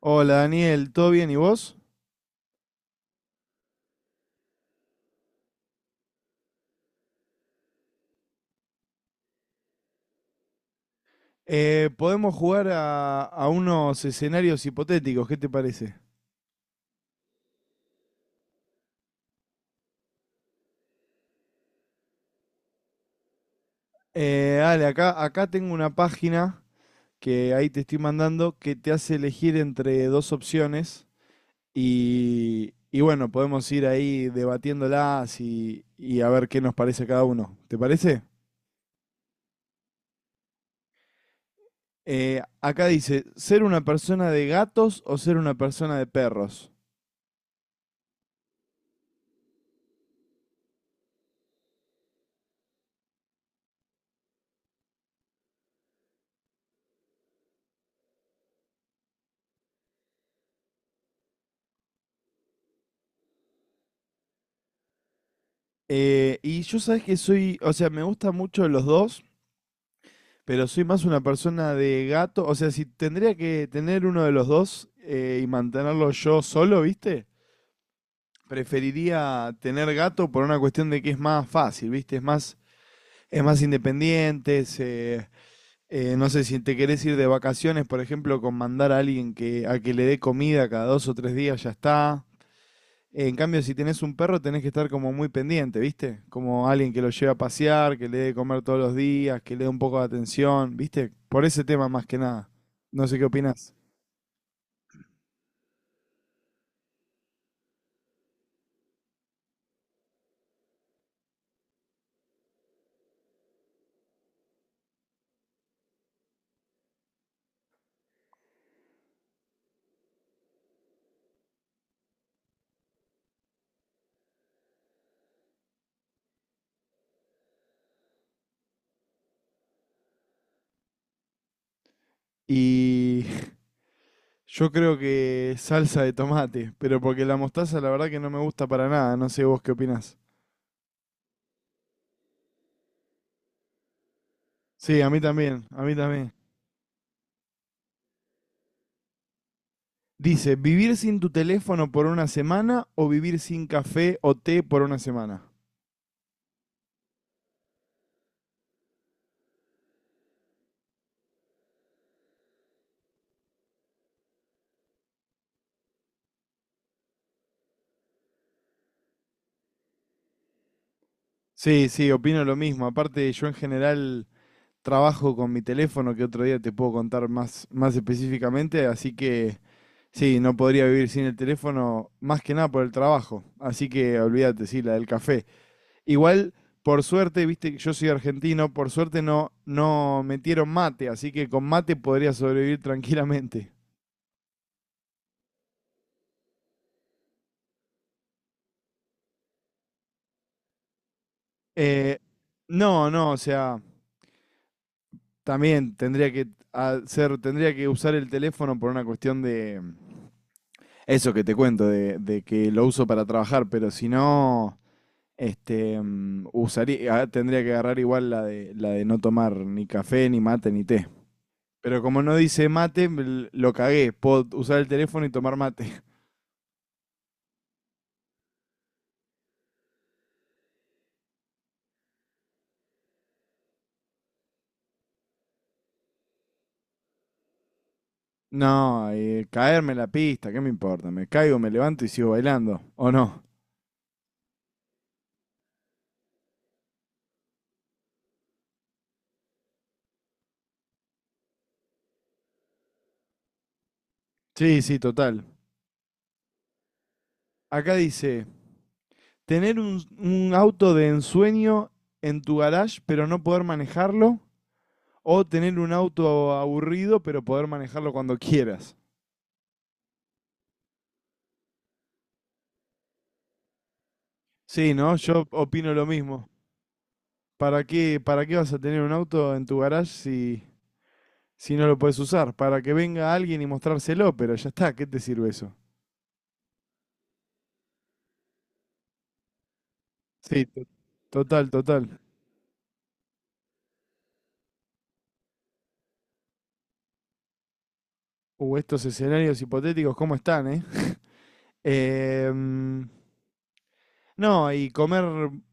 Hola Daniel, ¿todo bien y vos? Podemos jugar a unos escenarios hipotéticos, ¿qué te parece? Dale, acá tengo una página que ahí te estoy mandando que te hace elegir entre dos opciones y bueno, podemos ir ahí debatiéndolas y a ver qué nos parece a cada uno. ¿Te parece? Acá dice, ¿ser una persona de gatos o ser una persona de perros? Y yo sabes que soy, o sea, me gustan mucho los dos, pero soy más una persona de gato. O sea, si tendría que tener uno de los dos y mantenerlo yo solo, ¿viste? Preferiría tener gato por una cuestión de que es más fácil, ¿viste? Es más independiente, no sé, si te querés ir de vacaciones, por ejemplo, con mandar a a que le dé comida cada dos o tres días, ya está. En cambio, si tenés un perro, tenés que estar como muy pendiente, ¿viste? Como alguien que lo lleve a pasear, que le dé de comer todos los días, que le dé un poco de atención, ¿viste? Por ese tema más que nada. No sé qué opinás. Y yo creo que salsa de tomate, pero porque la mostaza la verdad que no me gusta para nada, no sé vos qué opinás. Sí, a mí también, a mí también. Dice, ¿vivir sin tu teléfono por una semana o vivir sin café o té por una semana? Sí, sí, opino lo mismo. Aparte, yo en general trabajo con mi teléfono que otro día te puedo contar más, más específicamente, así que sí, no podría vivir sin el teléfono más que nada por el trabajo, así que olvídate, sí, la del café. Igual, por suerte, viste, que yo soy argentino, por suerte no, no metieron mate, así que con mate podría sobrevivir tranquilamente. Eh, no, no, o sea, también tendría que usar el teléfono por una cuestión de… Eso que te cuento, de que lo uso para trabajar, pero si no, tendría que agarrar igual la de no tomar ni café, ni mate, ni té. Pero como no dice mate, lo cagué. Puedo usar el teléfono y tomar mate. No, caerme la pista, ¿qué me importa? Me caigo, me levanto y sigo bailando. ¿O no? Sí, sí, total. Acá dice, tener un auto de ensueño en tu garage pero no poder manejarlo. O tener un auto aburrido pero poder manejarlo cuando quieras. Sí, ¿no? Yo opino lo mismo. ¿Para qué vas a tener un auto en tu garage si, si no lo puedes usar? Para que venga alguien y mostrárselo, pero ya está, ¿qué te sirve eso? Sí, total, total. Estos escenarios hipotéticos, ¿cómo están, eh? Em, no, y comer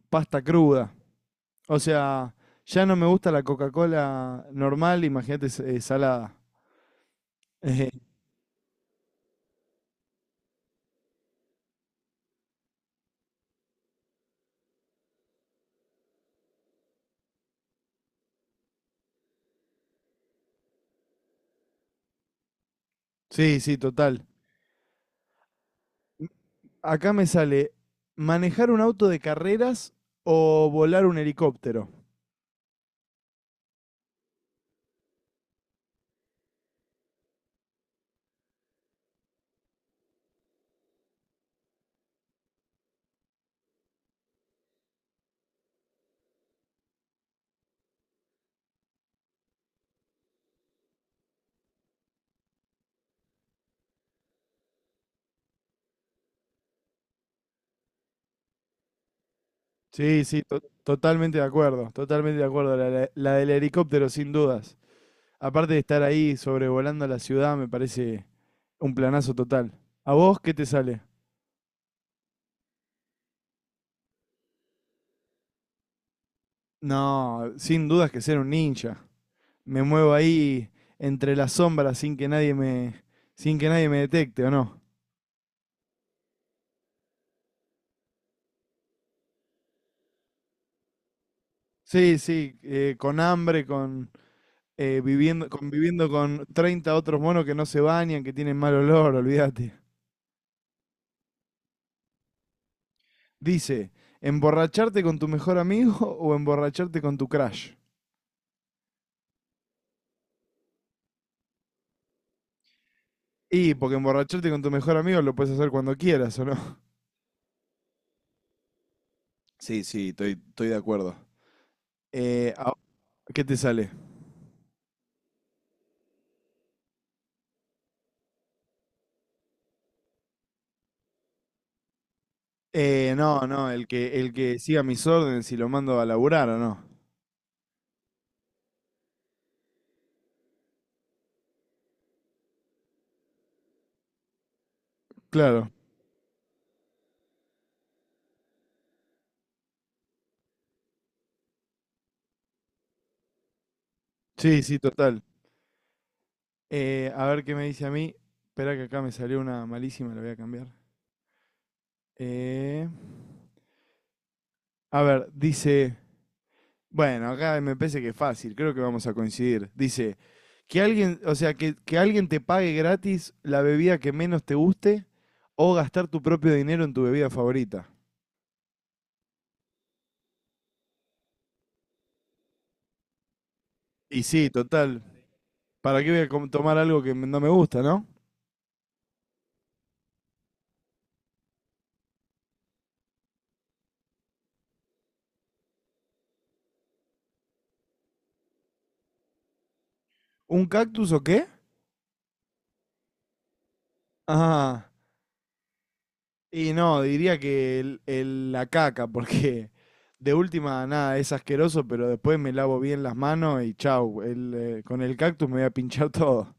pasta cruda. O sea, ya no me gusta la Coca-Cola normal, imagínate salada. Sí, sí, total. Acá me sale manejar un auto de carreras o volar un helicóptero. Sí, sí, totalmente de acuerdo, totalmente de acuerdo. La del helicóptero, sin dudas. Aparte de estar ahí sobrevolando la ciudad, me parece un planazo total. ¿A vos qué te sale? No, sin dudas que ser un ninja. Me muevo ahí entre las sombras sin que nadie me detecte, ¿o no? Sí, sí, con hambre, con conviviendo con 30 otros monos que no se bañan, que tienen mal olor, olvídate. Dice, ¿emborracharte con tu mejor amigo o emborracharte con tu crush? Y porque emborracharte con tu mejor amigo lo puedes hacer cuando quieras, ¿o no? Sí, sí, estoy de acuerdo. Eh, ah, ¿Qué te sale? No, no, el que siga mis órdenes y lo mando a laburar, ¿o no? Claro. Sí, sí, total. A ver qué me dice a mí. Espera que acá me salió una malísima, la voy a cambiar. Eh, a ver, dice, bueno, acá me parece que es fácil, creo que vamos a coincidir. Dice, que alguien te pague gratis la bebida que menos te guste o gastar tu propio dinero en tu bebida favorita. Y sí, total. ¿Para qué voy a tomar algo que no me gusta, no? ¿Un cactus o qué? Ah, y no, diría que la caca, porque de última, nada, es asqueroso, pero después me lavo bien las manos y chau. Con el cactus me voy a pinchar todo.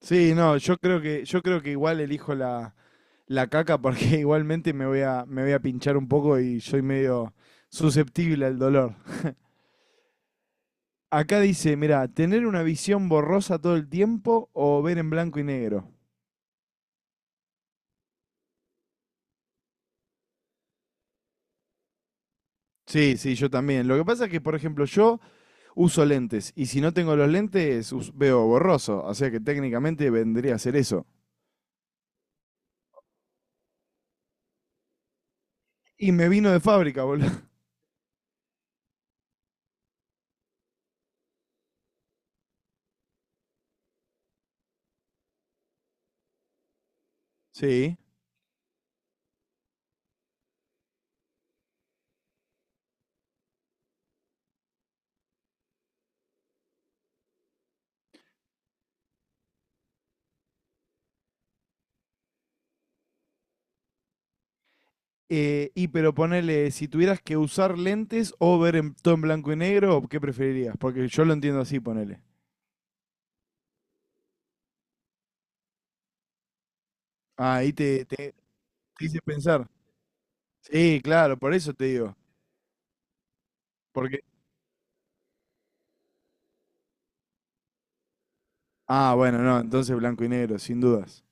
Sí, no, yo creo que igual la caca porque igualmente me voy a pinchar un poco y soy medio susceptible al dolor. Acá dice, mira, tener una visión borrosa todo el tiempo o ver en blanco y negro. Sí, sí, yo también. Lo que pasa es que, por ejemplo, yo uso lentes y si no tengo los lentes veo borroso, o sea que técnicamente vendría a ser eso. Y me vino de fábrica, boludo. Sí. Y pero ponele, si tuvieras que usar lentes o todo en blanco y negro, ¿qué preferirías? Porque yo lo entiendo así, ponele. Ah, te hice pensar. Sí, claro, por eso te digo. Porque, bueno, no, entonces blanco y negro, sin dudas.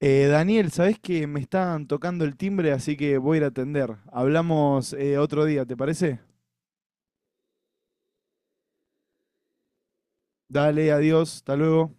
Daniel, sabés que me están tocando el timbre, así que voy a ir a atender. Hablamos otro día, ¿te parece? Dale, adiós, hasta luego.